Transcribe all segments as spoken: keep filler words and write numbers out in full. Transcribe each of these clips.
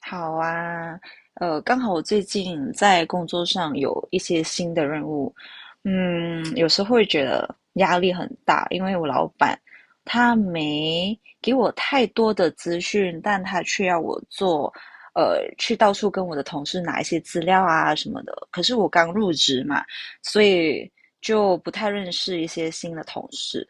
好啊，呃，刚好我最近在工作上有一些新的任务，嗯，有时候会觉得压力很大，因为我老板他没给我太多的资讯，但他却要我做，呃，去到处跟我的同事拿一些资料啊什么的。可是我刚入职嘛，所以就不太认识一些新的同事。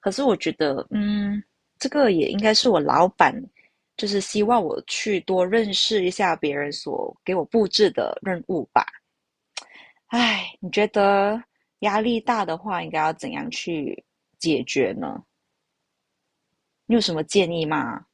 可是我觉得，嗯，这个也应该是我老板，就是希望我去多认识一下别人所给我布置的任务吧。唉，你觉得压力大的话，应该要怎样去解决呢？你有什么建议吗？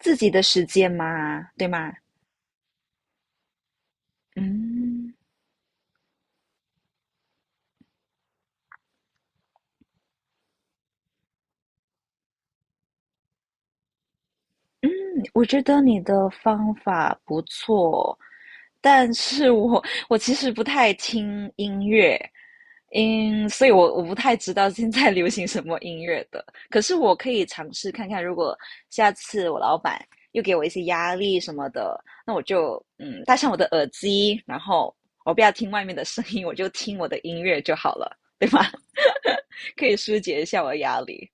自己的时间吗？对吗？嗯。我觉得你的方法不错，但是我我其实不太听音乐，嗯，所以我我不太知道现在流行什么音乐的。可是我可以尝试看看，如果下次我老板又给我一些压力什么的，那我就嗯戴上我的耳机，然后我不要听外面的声音，我就听我的音乐就好了，对吗？可以疏解一下我的压力。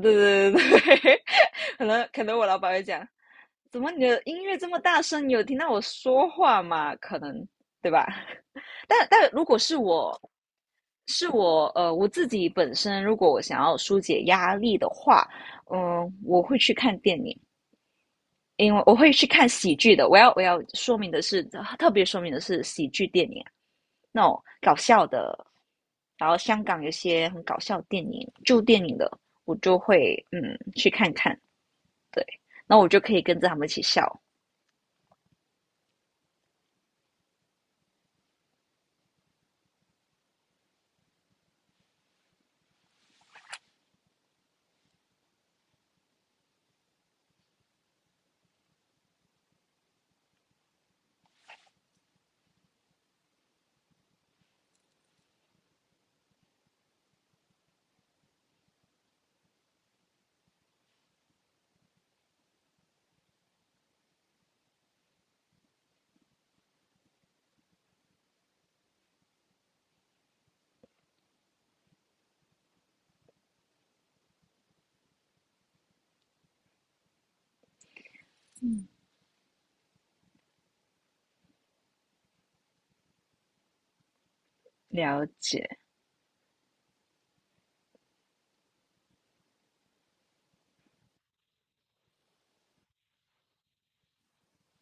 对对对对对 可能可能我老板会讲，怎么你的音乐这么大声？你有听到我说话吗？可能对吧？但但如果是我是我呃我自己本身，如果我想要疏解压力的话，嗯、我会去看电影。因为我会去看喜剧的。我要我要说明的是，特别说明的是喜剧电影，那种搞笑的。然后香港有些很搞笑的电影、旧电影的，我就会嗯去看看。对，那我就可以跟着他们一起笑。了解，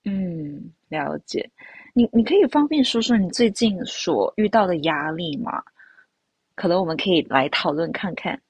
嗯，了解。你你可以方便说说你最近所遇到的压力吗？可能我们可以来讨论看看。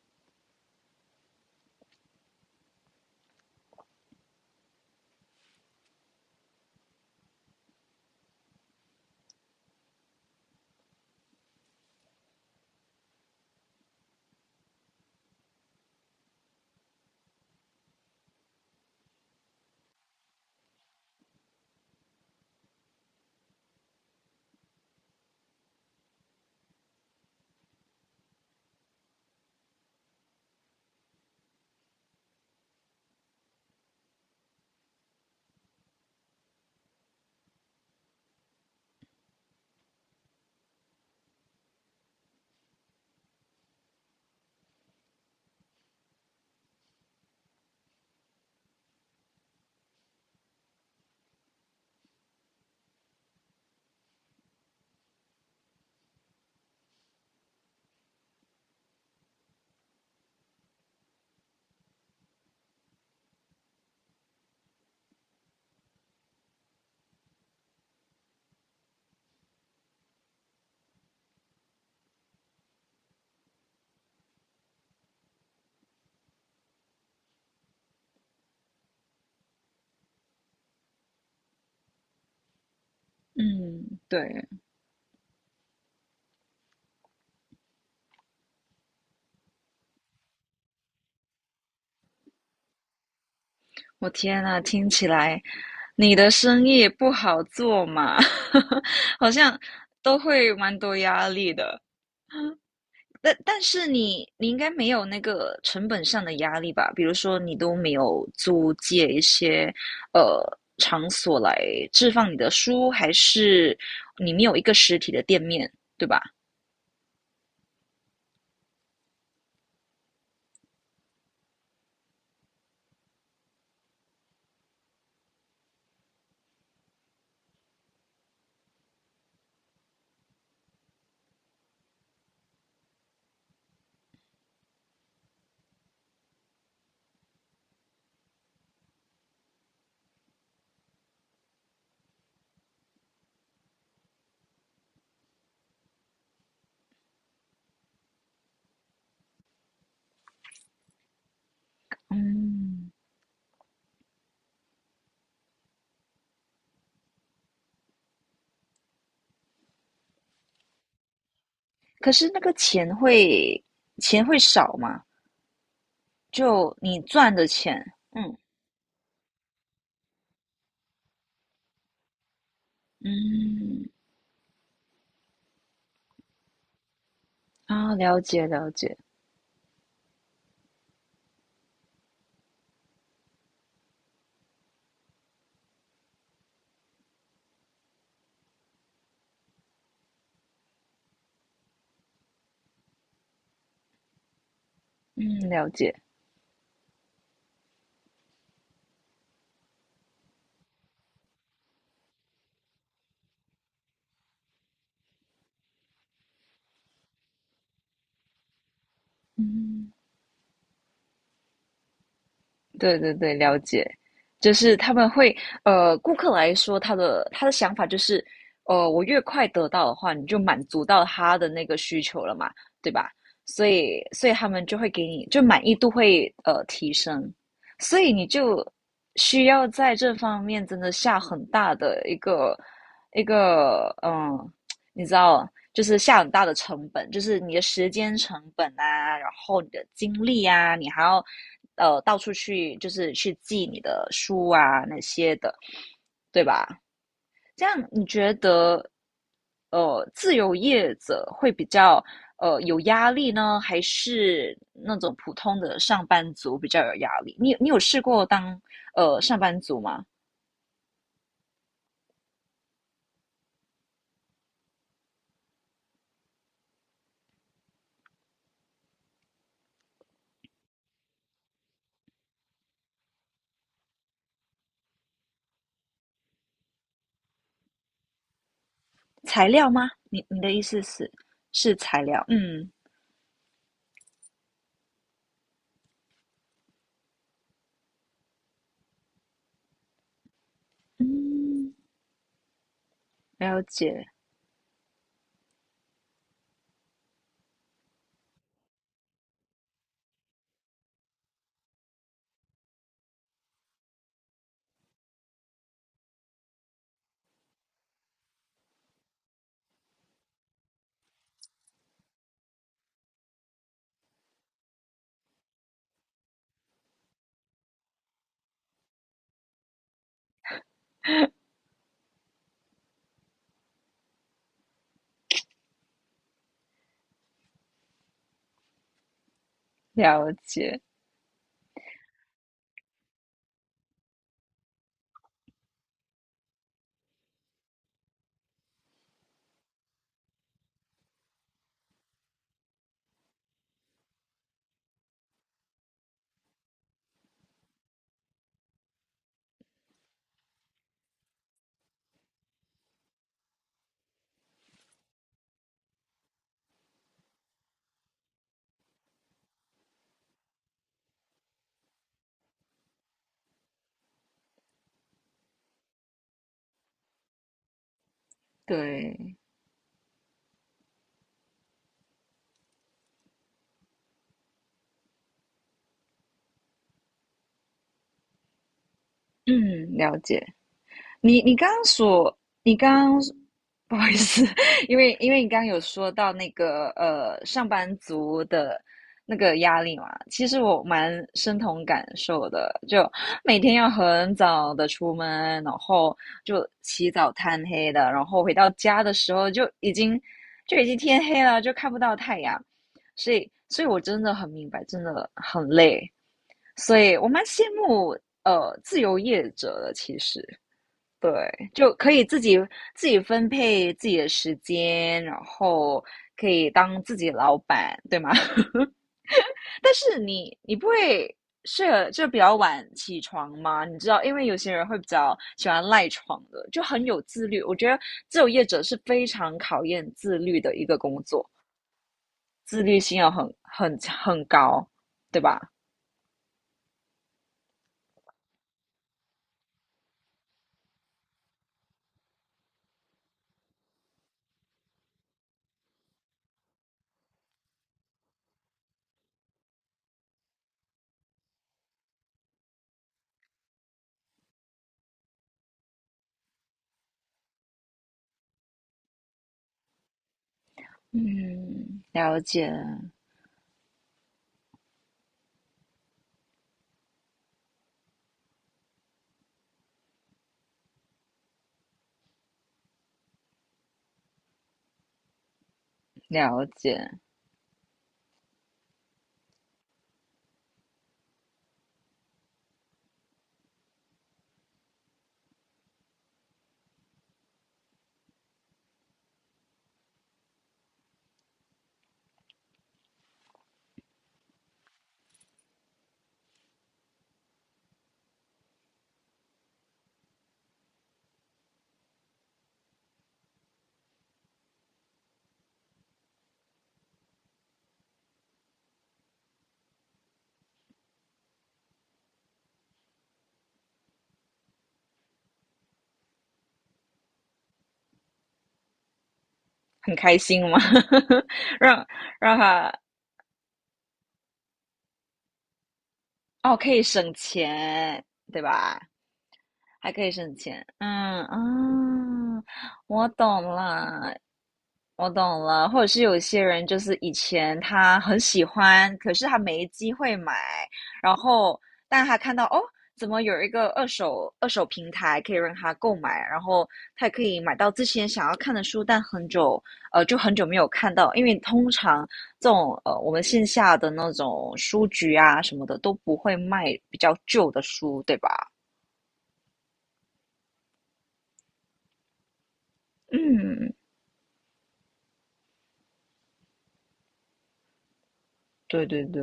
嗯，对，我天呐，听起来你的生意也不好做嘛，好像都会蛮多压力的。但但是你你应该没有那个成本上的压力吧？比如说你都没有租借一些呃场所来置放你的书，还是你没有一个实体的店面，对吧？嗯，可是那个钱会钱会少嘛？就你赚的钱，嗯嗯。啊，了解了解，嗯，了解，嗯，对对对，了解，就是他们会，呃，顾客来说，他的他的想法就是，呃，我越快得到的话，你就满足到他的那个需求了嘛，对吧？所以，所以他们就会给你，就满意度会呃提升，所以你就需要在这方面真的下很大的一个一个嗯你知道，就是下很大的成本，就是你的时间成本啊，然后你的精力啊，你还要呃到处去就是去寄你的书啊那些的，对吧？这样你觉得，呃，自由业者会比较呃有压力呢，还是那种普通的上班族比较有压力？你你有试过当呃上班族吗？材料吗？你你的意思是是材料？嗯嗯。了解，了解，对，嗯，了解。你你刚刚所，你刚刚 不好意思，因为因为你刚刚有说到那个呃上班族的那个压力嘛，其实我蛮深同感受的，就每天要很早的出门，然后就起早贪黑的，然后回到家的时候就已经就已经天黑了，就看不到太阳，所以所以我真的很明白，真的很累。所以我蛮羡慕呃自由业者的，其实对，就可以自己自己分配自己的时间，然后可以当自己的老板，对吗？但是你你不会是就比较晚起床吗？你知道，因为有些人会比较喜欢赖床的，就很有自律。我觉得自由业者是非常考验自律的一个工作，自律性要很很很高，对吧？嗯，了解了解。很开心吗？让让他哦，可以省钱，对吧？还可以省钱，嗯啊，我懂了，我懂了。或者是有些人就是以前他很喜欢，可是他没机会买，然后但他看到哦，怎么有一个二手二手平台可以让他购买，然后他也可以买到之前想要看的书，但很久呃就很久没有看到，因为通常这种呃，我们线下的那种书局啊什么的都不会卖比较旧的书，对吧？嗯，对对对，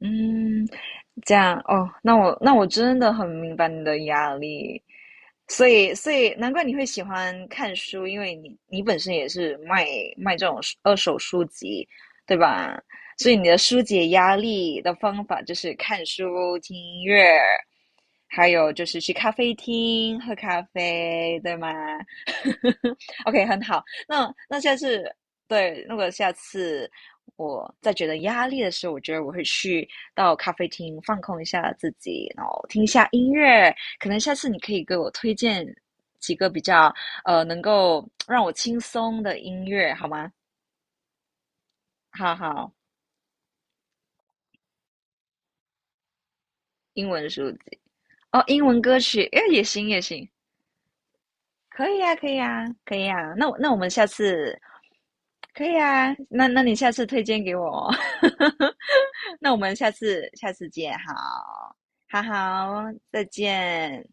嗯，这样哦，那我那我真的很明白你的压力，所以，所以难怪你会喜欢看书，因为你你本身也是卖卖这种书二手书籍，对吧？所以你的疏解压力的方法就是看书、听音乐，还有就是去咖啡厅喝咖啡，对吗 ？OK，很好。那那下次，对，如果下次我在觉得压力的时候，我觉得我会去到咖啡厅放空一下自己，然后听一下音乐，可能下次你可以给我推荐几个比较呃能够让我轻松的音乐，好吗？好好，英文书籍哦，英文歌曲，哎，也行也行，可以呀可以呀可以呀，那我那我们下次可以啊，那那你下次推荐给我哦，那我们下次下次见，好，好好，再见。